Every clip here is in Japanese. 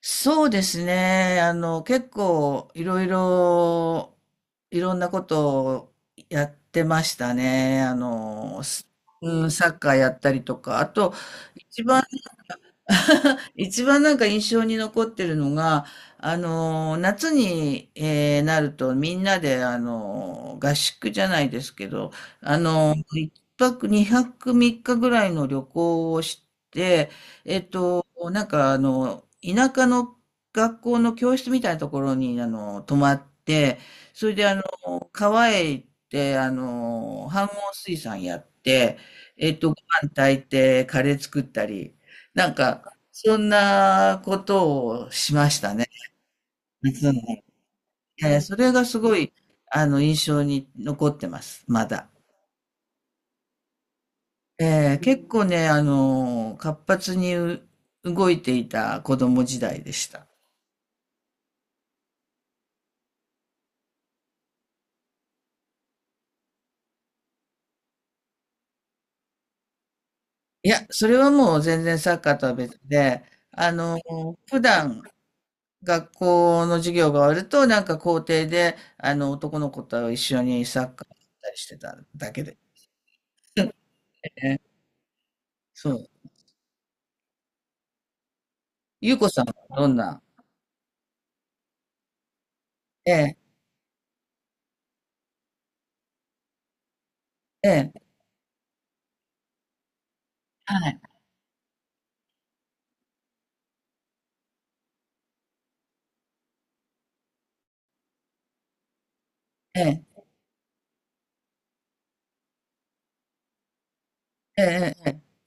そうですね。結構いろんなことをやってましたね。うん、サッカーやったりとか。あと、一番一番なんか印象に残ってるのが、夏に、なるとみんなで、合宿じゃないですけど、一泊二泊三日ぐらいの旅行をして、えっと、田舎の学校の教室みたいなところに、泊まって、それであの、川へ行って、飯盒水産やって、ご飯炊いて、カレー作ったり、なんか、そんなことをしましたね。夏なのに。ええ、それがすごい、印象に残ってます、まだ。ええ、結構ね、活発に動いていた子供時代でした。いや、それはもう全然サッカーとは別で、あの、普段学校の授業が終わると、なんか校庭で、男の子と一緒にサッカーやったりしてただけでね。そう。ゆうこさんはどんな、ええ、ええ、はい、ええ、ええええええ、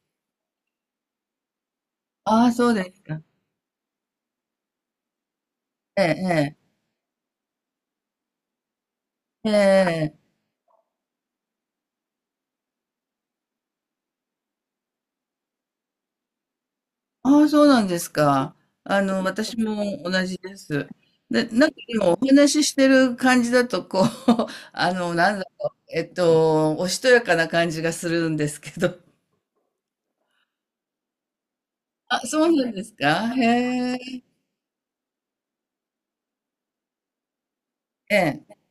ああ、そうですか。ええ、ええ、ええ。ああ、そうなんですか。私も同じです。で、なんか今お話ししてる感じだと、こう、おしとやかな感じがするんですけど。あ、そうなんですか。へえ、ええ、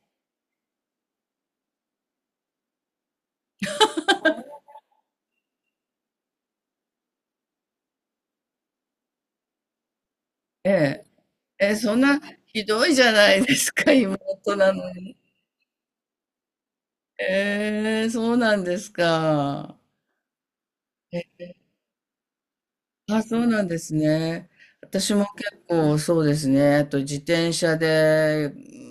ええ、ええ、そんな、ひどいじゃないですか、妹なのに。ええ、そうなんですか。あ、そうなんですね。私も結構そうですね。あと自転車で、うん、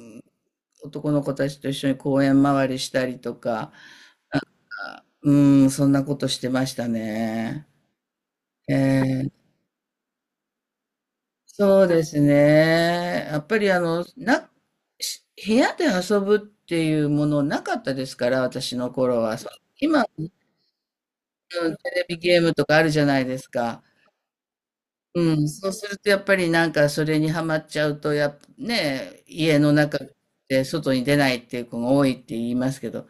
男の子たちと一緒に公園回りしたりとか、うん、そんなことしてましたね。えー、そうですね。やっぱりし部屋で遊ぶっていうものなかったですから、私の頃は。そう今、うん、テレビゲームとかあるじゃないですか。うん、そうするとやっぱりなんかそれにはまっちゃうと、やっぱね、家の中で外に出ないっていう子が多いって言いますけど、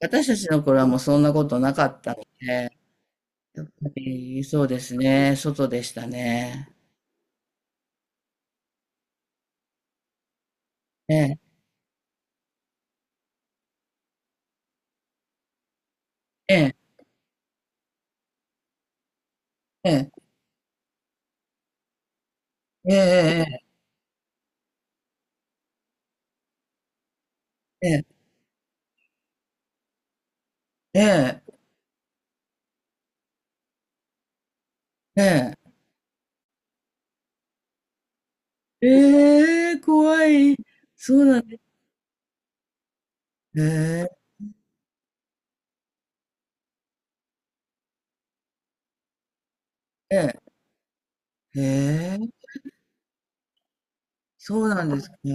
私たちの頃はもうそんなことなかったので、やっぱりそうですね、外でしたね。ええ、ええ、ええ、ええ、ええ、ええ、ええ、ええ、ええ怖い。そうなんです。ええ、ええ、ええ、そうなんですか。え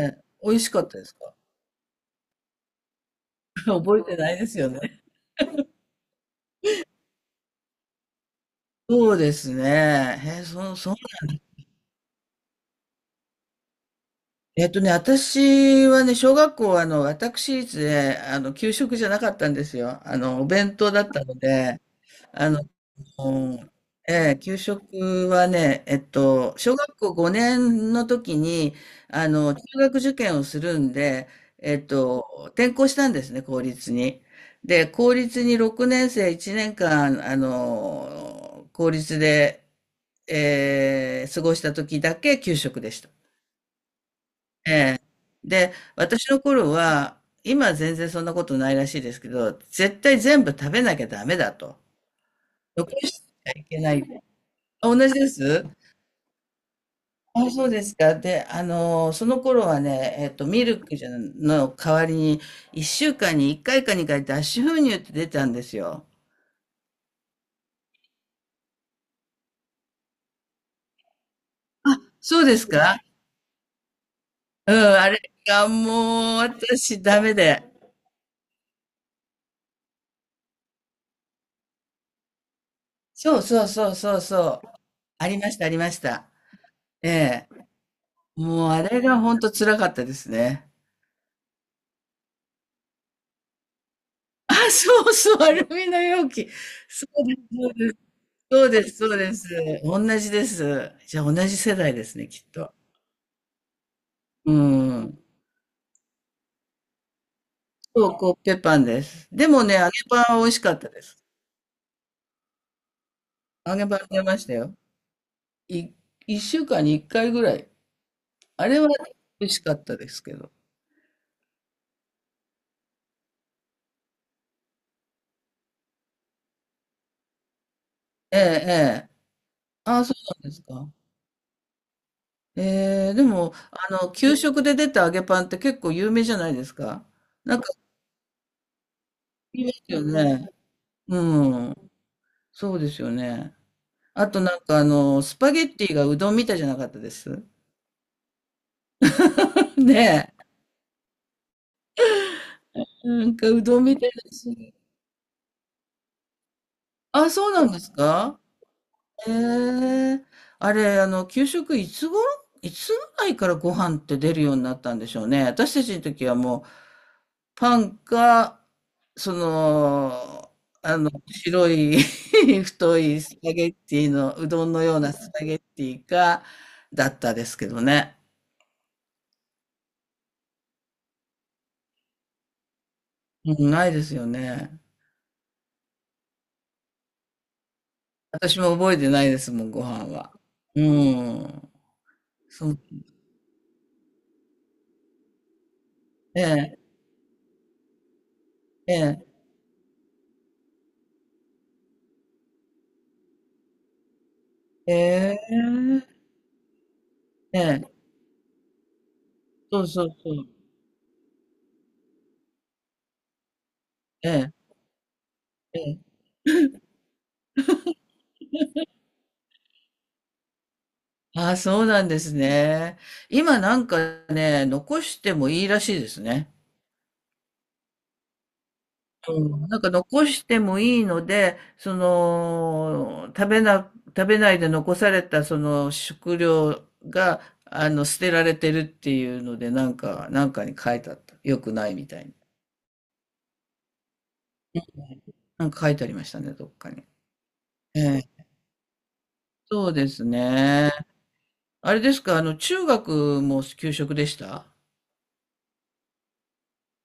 え、美味しかったですか。 覚えてないですよね。そうですね。へえ、そう、私はね、小学校は、私立で、給食じゃなかったんですよ。お弁当だったので、あの、ええ、給食はね、小学校5年の時に、中学受験をするんで、えっと、転校したんですね、公立に。で、公立に6年生1年間、公立で、過ごした時だけ給食でした。ええ。で、私の頃は、今は全然そんなことないらしいですけど、絶対全部食べなきゃダメだと。残してはいけない。あ、同じです？あ、そうですか。で、その頃はね、ミルクじゃの代わりに、1週間に1回か2回脱脂粉乳って出たんですよ。そうですか？うん、あれがもう私ダメで。そうそうそうそうそう。ありましたありました。ええ。もうあれが本当辛かったですね。あ、そうそう、アルミの容器。そうですそうです。そうですそうです。同じです。じゃあ同じ世代ですね、きっと。うん。そう、コッペパンです。でもね、揚げパンは美味しかったです。揚げパン出ましたよ。い、1週間に1回ぐらい。あれは美味しかったですけど。ええ、ええ。ああ、そうなんですか。ええ、でも、給食で出た揚げパンって結構有名じゃないですか。なんか、いますよね。うん。そうですよね。あとなんかスパゲッティがうどんみたいじゃなかったです。ねえ。なんかうどんみたいだし。あ、そうなんですか、ええ、あれ、あの、給食いつ頃、いつぐらいからご飯って出るようになったんでしょうね。私たちの時はもう、パンか、その、白い 太いスパゲッティの、うどんのようなスパゲッティか、だったですけどね。うん、ないですよね。私も覚えてないですもん、ご飯は。うん。そう、ええ、ええ、ええ、ええ、そうそうそう、ええ、ええ。ああ、そうなんですね。今なんかね、残してもいいらしいですね。うん、なんか残してもいいので、食べないで残されたその食料が、捨てられてるっていうので、なんかに書いてあった。よくないみたいに。なんか書いてありましたね、どっかに。ええ、そうですね。あれですか、中学も給食でした？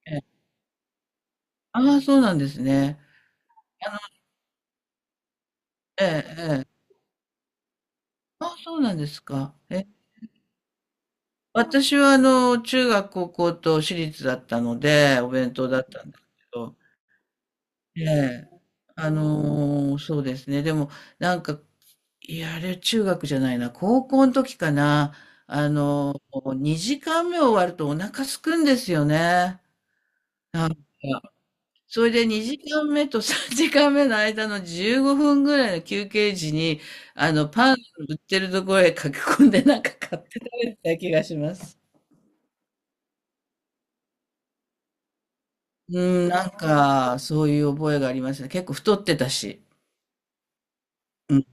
ええ。ああ、そうなんですね。あの、ええ、ええ。あ、そうなんですか。え、私はあの、中学、高校と私立だったので、お弁当だったんですけど、ええ、そうですね。でも、なんか、あれ中学じゃないな、高校の時かな、2時間目終わるとお腹すくんですよね。なんか、それで2時間目と3時間目の間の15分ぐらいの休憩時に、パン売ってるところへ駆け込んでなんか買って食べてた気がします。うん、なんか、そういう覚えがありましたね。結構太ってたし、うん、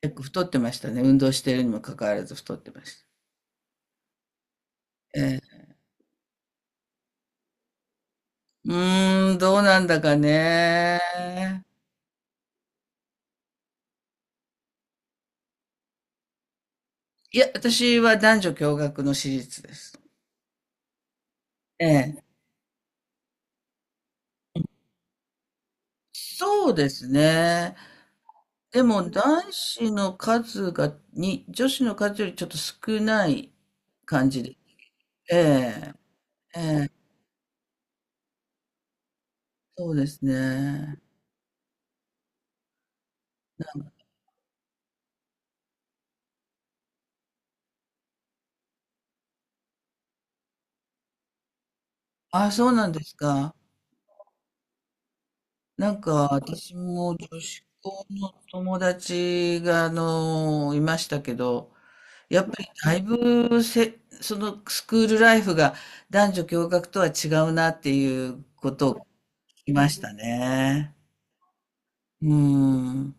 結構太ってましたね。運動してるにもかかわらず太ってました。ええ。うーん、どうなんだかね。いや、私は男女共学の私立です。ええ。そうですね。でも男子の数が、女子の数よりちょっと少ない感じで。ええ。そうですね。あ、そうなんですか。なんか私も女子校の友達がいましたけど、やっぱりだいぶせ、そのスクールライフが男女共学とは違うなっていうことを聞きましたね。うん。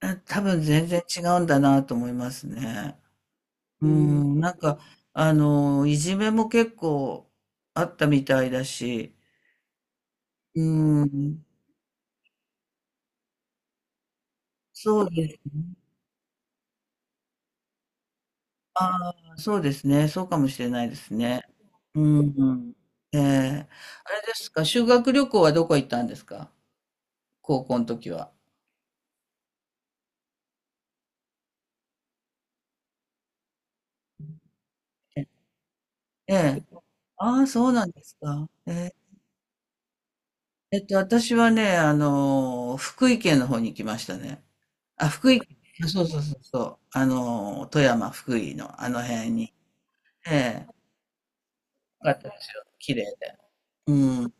あ、多分全然違うんだなと思いますね。うん。いじめも結構あったみたいだし、うん。そうです。ああ、そうですね。そうかもしれないですね。うん。ええ。あれですか、修学旅行はどこ行ったんですか、高校の時は。ええ、ああ、そうなんですか。ええ。私はね、福井県の方に行きましたね。あ、福井、あ、そうそうそうそう。富山、福井のあの辺に。ええ。よかったですよ。綺麗で。うん。